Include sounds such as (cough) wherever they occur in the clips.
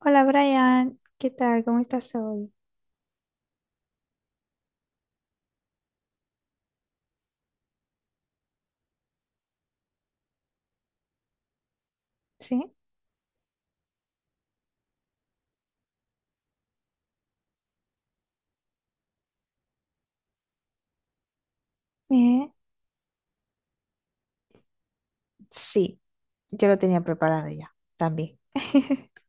Hola Brian, ¿qué tal? ¿Cómo estás hoy? ¿Sí? Eh, sí, yo lo tenía preparado ya, también. (laughs)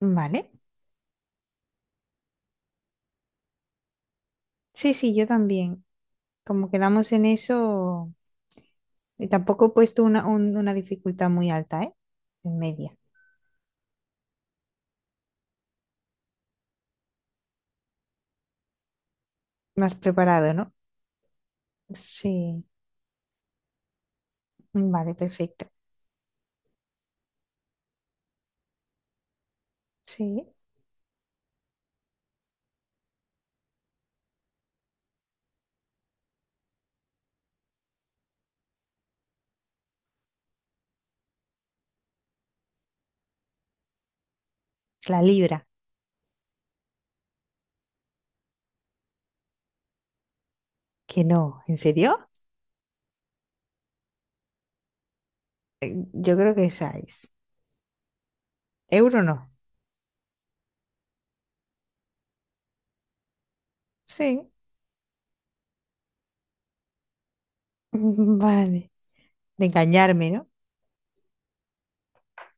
¿Vale? Sí, sí, yo también. Como quedamos en eso, y tampoco he puesto una dificultad muy alta, ¿eh? En media. Me has preparado, ¿no? Sí, vale, perfecto. Sí. La libra, que no, ¿en serio? Yo creo que esa es. ¿Euro no? Sí. (laughs) Vale. De engañarme, ¿no?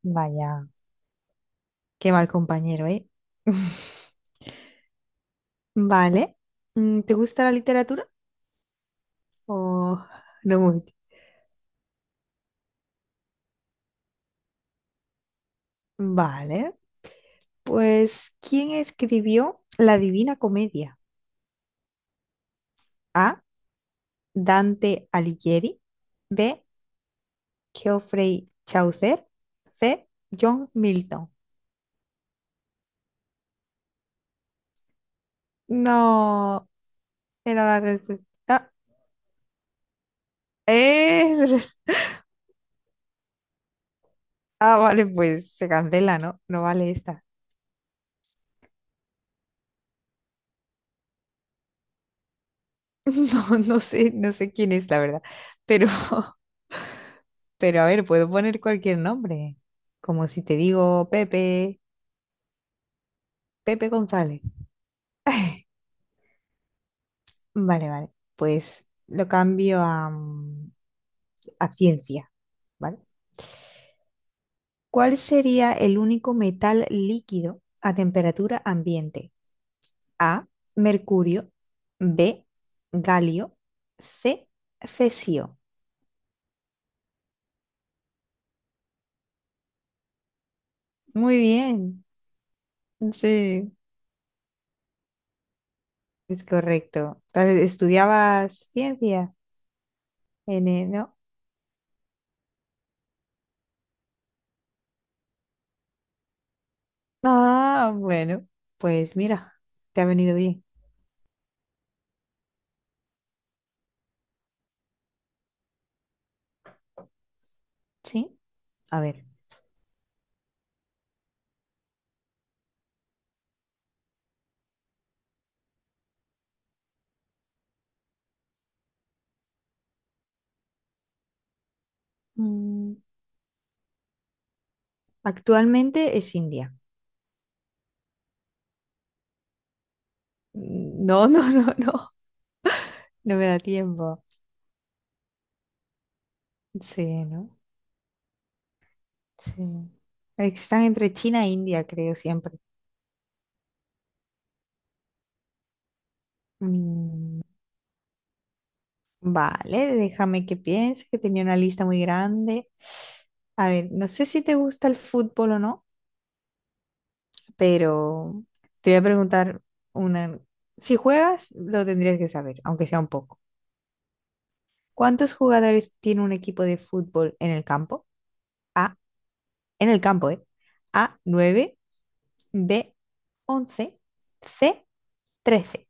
Vaya. Qué mal compañero, ¿eh? (laughs) Vale. ¿Te gusta la literatura? O no mucho. Vale. Pues, ¿quién escribió La Divina Comedia? A. Dante Alighieri. B. Geoffrey Chaucer. C. John Milton. No, era la respuesta. ¡Eh! Ah, vale, pues se cancela, ¿no? No vale esta. (laughs) No, no sé, no sé quién es, la verdad. Pero (laughs) pero a ver, puedo poner cualquier nombre. Como si te digo Pepe, Pepe González. (laughs) Vale, vale. Pues lo cambio a, a ciencia, ¿vale? ¿Cuál sería el único metal líquido a temperatura ambiente? A, mercurio. B, galio. C, cesio. Muy bien. Sí, es correcto. Entonces, ¿estudiabas ciencia no? Ah, bueno, pues mira, te ha venido bien. Sí, a ver. mm, actualmente es India. Mm, no, (laughs) no, no, no, no me da tiempo. Sí, ¿no? Sí. Es que están entre China e India, creo, siempre. Mm, vale, déjame que piense, que tenía una lista muy grande. A ver, no sé si te gusta el fútbol o no, pero te voy a preguntar una... Si juegas, lo tendrías que saber, aunque sea un poco. ¿Cuántos jugadores tiene un equipo de fútbol en el campo? A, en el campo, ¿eh? A, nueve. B, once. C, trece.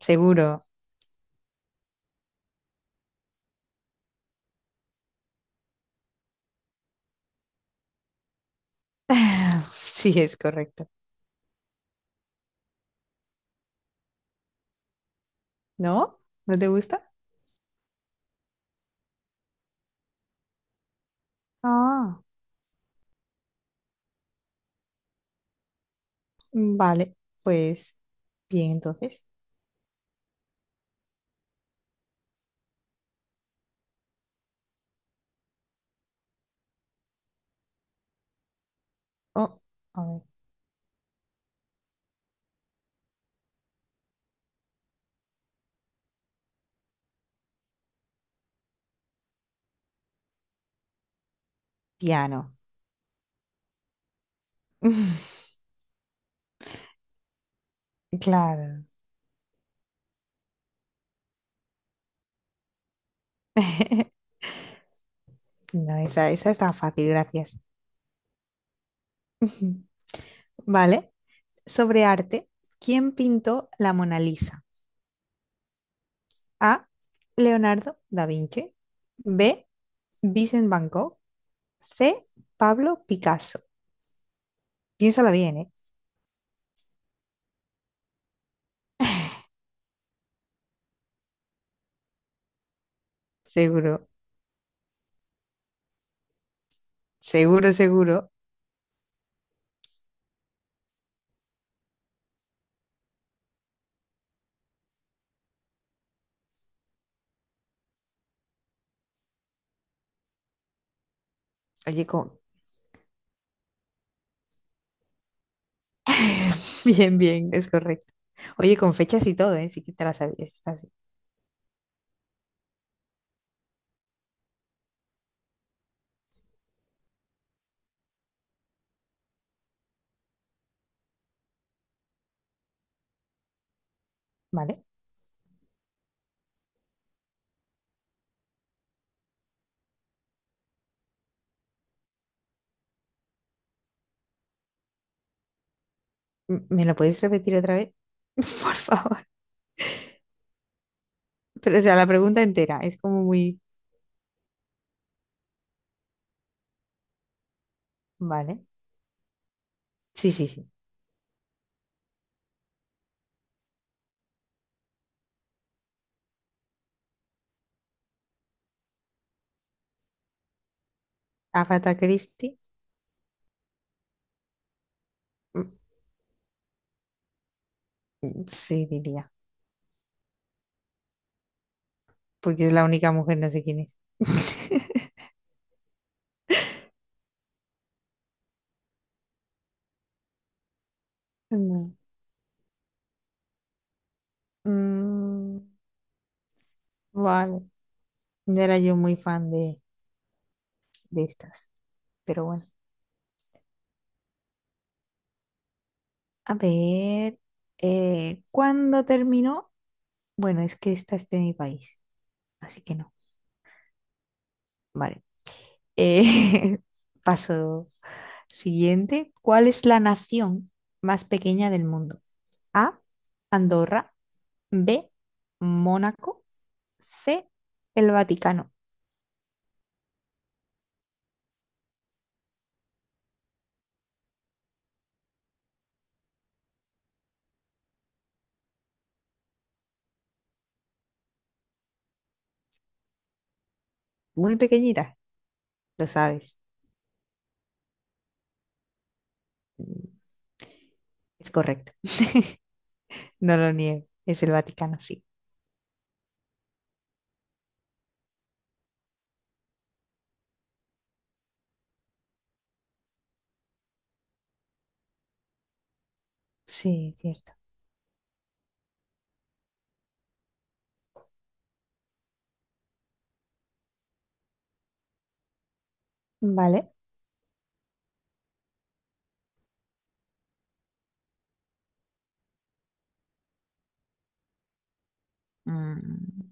Seguro. (laughs) Sí, es correcto. ¿No? ¿No te gusta? Ah, vale. Pues bien, entonces. Oh, a ver. Piano. (laughs) Claro. (laughs) No, esa está fácil, gracias. (laughs) Vale. Sobre arte, ¿quién pintó la Mona Lisa? A. Leonardo da Vinci. B. Vincent Van Gogh. C. Pablo Picasso. Piénsala bien, ¿eh? Seguro, seguro, seguro. Oye, con... (laughs) Bien, bien, es correcto. Oye, con fechas y todo, ¿eh? Sí que te la sabías, está así. ¿Vale? ¿Me lo podéis repetir otra vez? (laughs) Por favor. Pero, o sea, la pregunta entera es como muy... ¿Vale? Sí, sí, sí. Agatha Christie, mm, sí diría, porque es la única mujer, no sé quién es. (laughs) No. Mm, vale, no era yo muy fan de estas, pero bueno. A ver, ¿cuándo terminó? Bueno, es que esta es de mi país, así que no. Vale. Eh, (laughs) paso siguiente. ¿Cuál es la nación más pequeña del mundo? A, Andorra. B, Mónaco. C, el Vaticano. Muy pequeñita, lo sabes. Mm, Es correcto, (laughs) no lo niego, es el Vaticano, sí. Sí, cierto. Vale. Mm,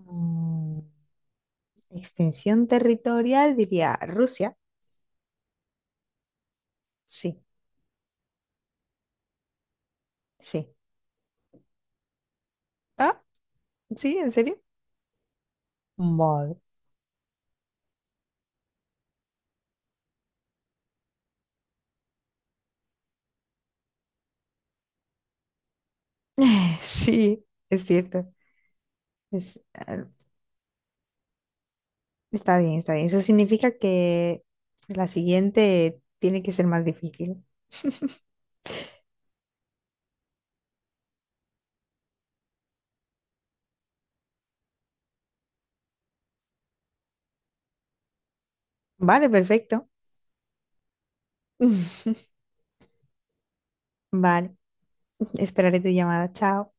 Mm, extensión territorial, diría Rusia. Sí, sí. Ah, sí, ¿en serio? Vale. (laughs) Sí, es cierto. Es, eh, está bien, está bien. Eso significa que la siguiente tiene que ser más difícil. (laughs) Vale, perfecto. (laughs) Vale, esperaré tu llamada. Chao.